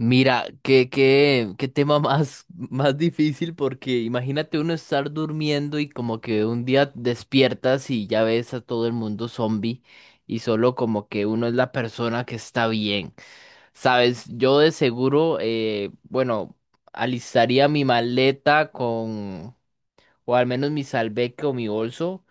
Mira, qué tema más difícil porque imagínate uno estar durmiendo y como que un día despiertas y ya ves a todo el mundo zombie y solo como que uno es la persona que está bien. Sabes, yo de seguro, bueno, alistaría mi maleta con, o al menos mi salveque o mi bolso,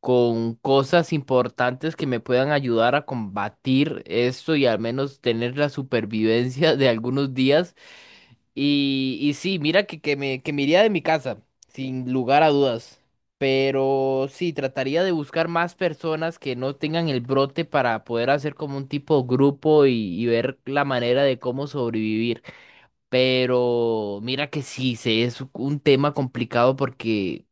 con cosas importantes que me puedan ayudar a combatir esto y al menos tener la supervivencia de algunos días. Y sí, mira que, que me iría de mi casa, sin lugar a dudas. Pero sí, trataría de buscar más personas que no tengan el brote para poder hacer como un tipo grupo y ver la manera de cómo sobrevivir. Pero mira que sí, se es un tema complicado porque,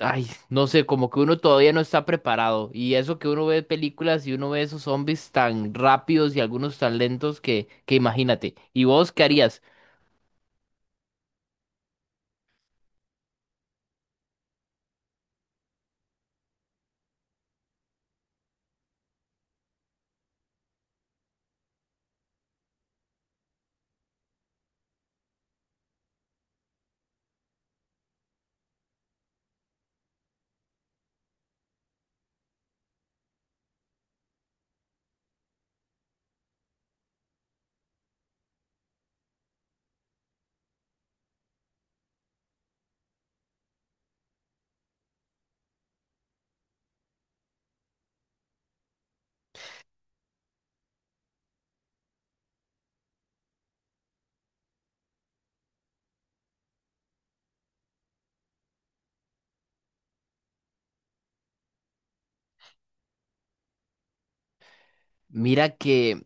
ay, no sé, como que uno todavía no está preparado. Y eso que uno ve películas y uno ve esos zombies tan rápidos y algunos tan lentos que imagínate. ¿Y vos qué harías? Mira que...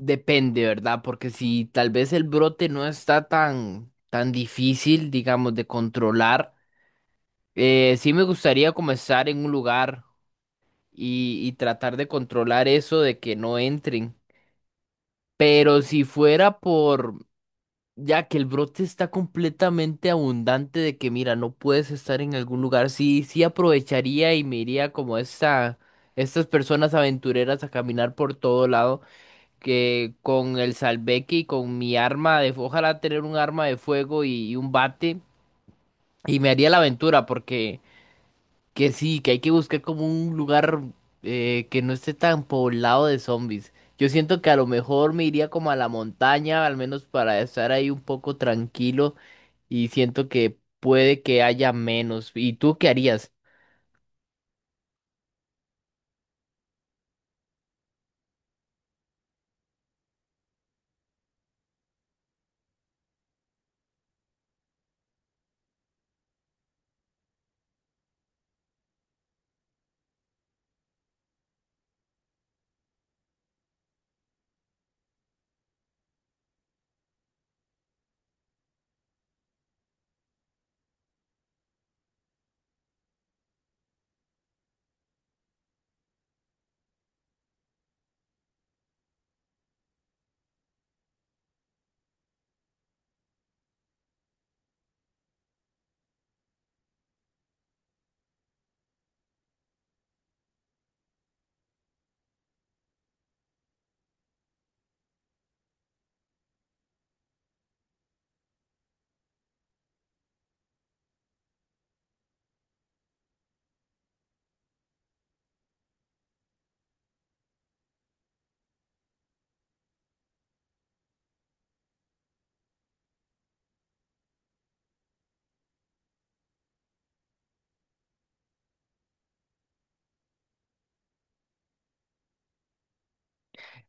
Depende, ¿verdad? Porque si tal vez el brote no está tan difícil, digamos, de controlar, sí me gustaría comenzar en un lugar y tratar de controlar eso de que no entren. Pero si fuera por, ya que el brote está completamente abundante de que, mira, no puedes estar en algún lugar, sí, sí aprovecharía y me iría estas personas aventureras a caminar por todo lado que con el salveque y con mi arma de, ojalá tener un arma de fuego y un bate y me haría la aventura porque que sí, que hay que buscar como un lugar que no esté tan poblado de zombies. Yo siento que a lo mejor me iría como a la montaña, al menos para estar ahí un poco tranquilo y siento que puede que haya menos. ¿Y tú qué harías?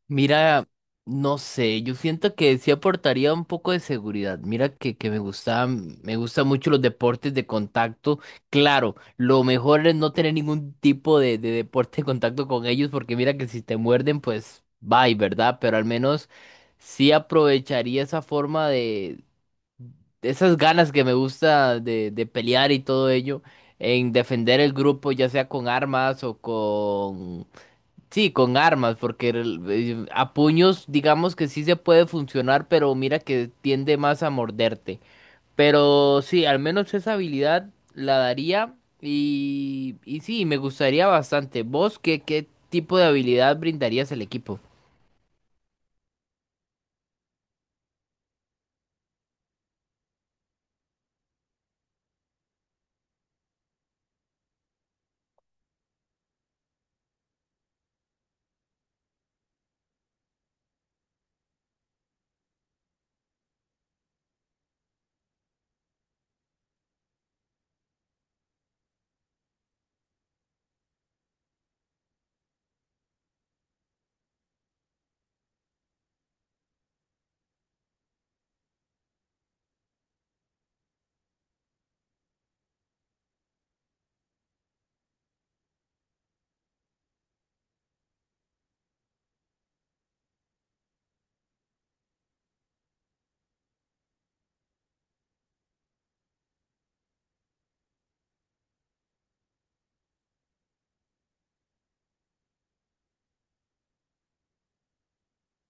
Mira, no sé, yo siento que sí aportaría un poco de seguridad. Mira que me gusta, me gustan mucho los deportes de contacto. Claro, lo mejor es no tener ningún tipo de deporte de contacto con ellos, porque mira que si te muerden, pues bye, ¿verdad? Pero al menos sí aprovecharía esa forma de esas ganas que me gusta de pelear y todo ello, en defender el grupo, ya sea con armas o con. Sí, con armas, porque a puños digamos que sí se puede funcionar, pero mira que tiende más a morderte. Pero sí, al menos esa habilidad la daría y sí, me gustaría bastante. ¿Vos qué, qué tipo de habilidad brindarías al equipo?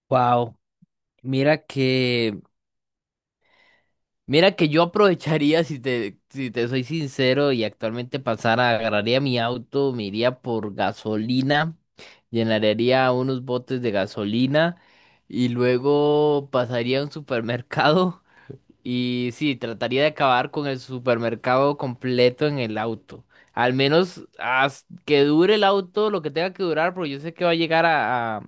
Wow, mira que. Mira que yo aprovecharía, si te soy sincero, y actualmente pasara, agarraría mi auto, me iría por gasolina, llenaría unos botes de gasolina y luego pasaría a un supermercado y sí, trataría de acabar con el supermercado completo en el auto. Al menos que dure el auto lo que tenga que durar, porque yo sé que va a llegar a, a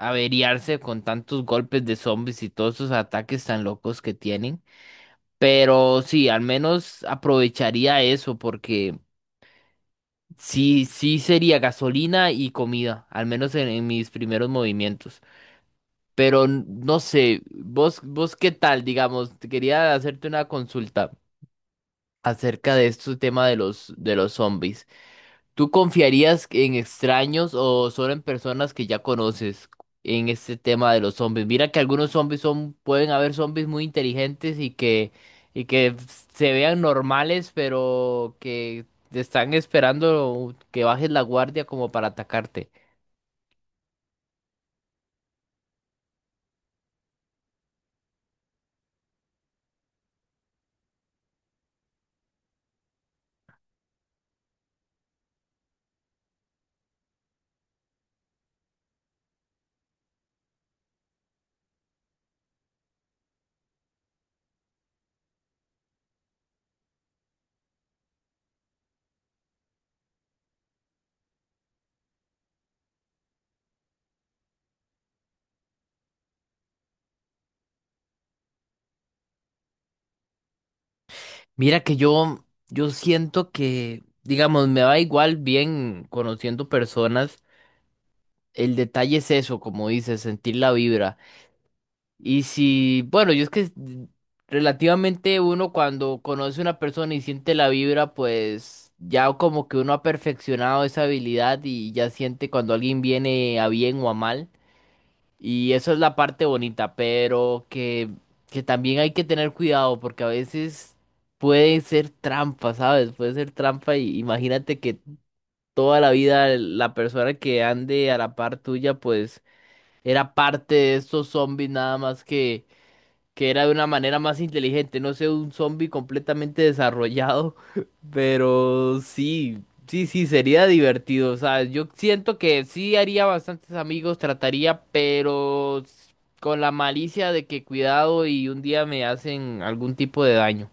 a averiarse con tantos golpes de zombies y todos esos ataques tan locos que tienen. Pero sí, al menos aprovecharía eso porque sí, sí sería gasolina y comida, al menos en mis primeros movimientos. Pero no sé, vos, vos qué tal, digamos, te quería hacerte una consulta acerca de este tema de los zombies. ¿Tú confiarías en extraños o solo en personas que ya conoces en este tema de los zombies? Mira que algunos zombies son, pueden haber zombies muy inteligentes y que se vean normales, pero que te están esperando que bajes la guardia como para atacarte. Mira que yo siento que, digamos, me va igual bien conociendo personas. El detalle es eso, como dices, sentir la vibra. Y si, bueno, yo es que relativamente uno cuando conoce a una persona y siente la vibra, pues ya como que uno ha perfeccionado esa habilidad y ya siente cuando alguien viene a bien o a mal. Y eso es la parte bonita, pero que también hay que tener cuidado porque a veces puede ser trampa, ¿sabes? Puede ser trampa y imagínate que toda la vida la persona que ande a la par tuya, pues era parte de estos zombies nada más que era de una manera más inteligente, no sé, un zombie completamente desarrollado, pero sí, sí, sería divertido, o sea, yo siento que sí haría bastantes amigos, trataría, con la malicia de que cuidado y un día me hacen algún tipo de daño.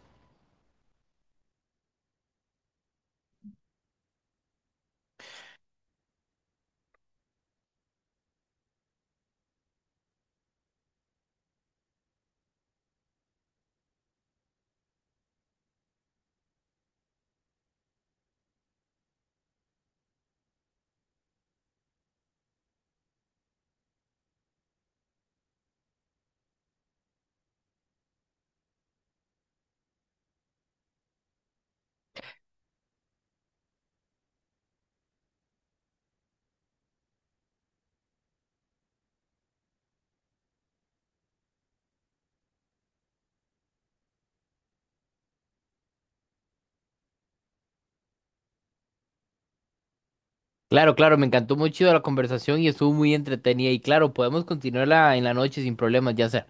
Claro, claro, me encantó mucho la conversación y estuvo muy entretenida y claro, podemos continuarla en la noche sin problemas, ya sea.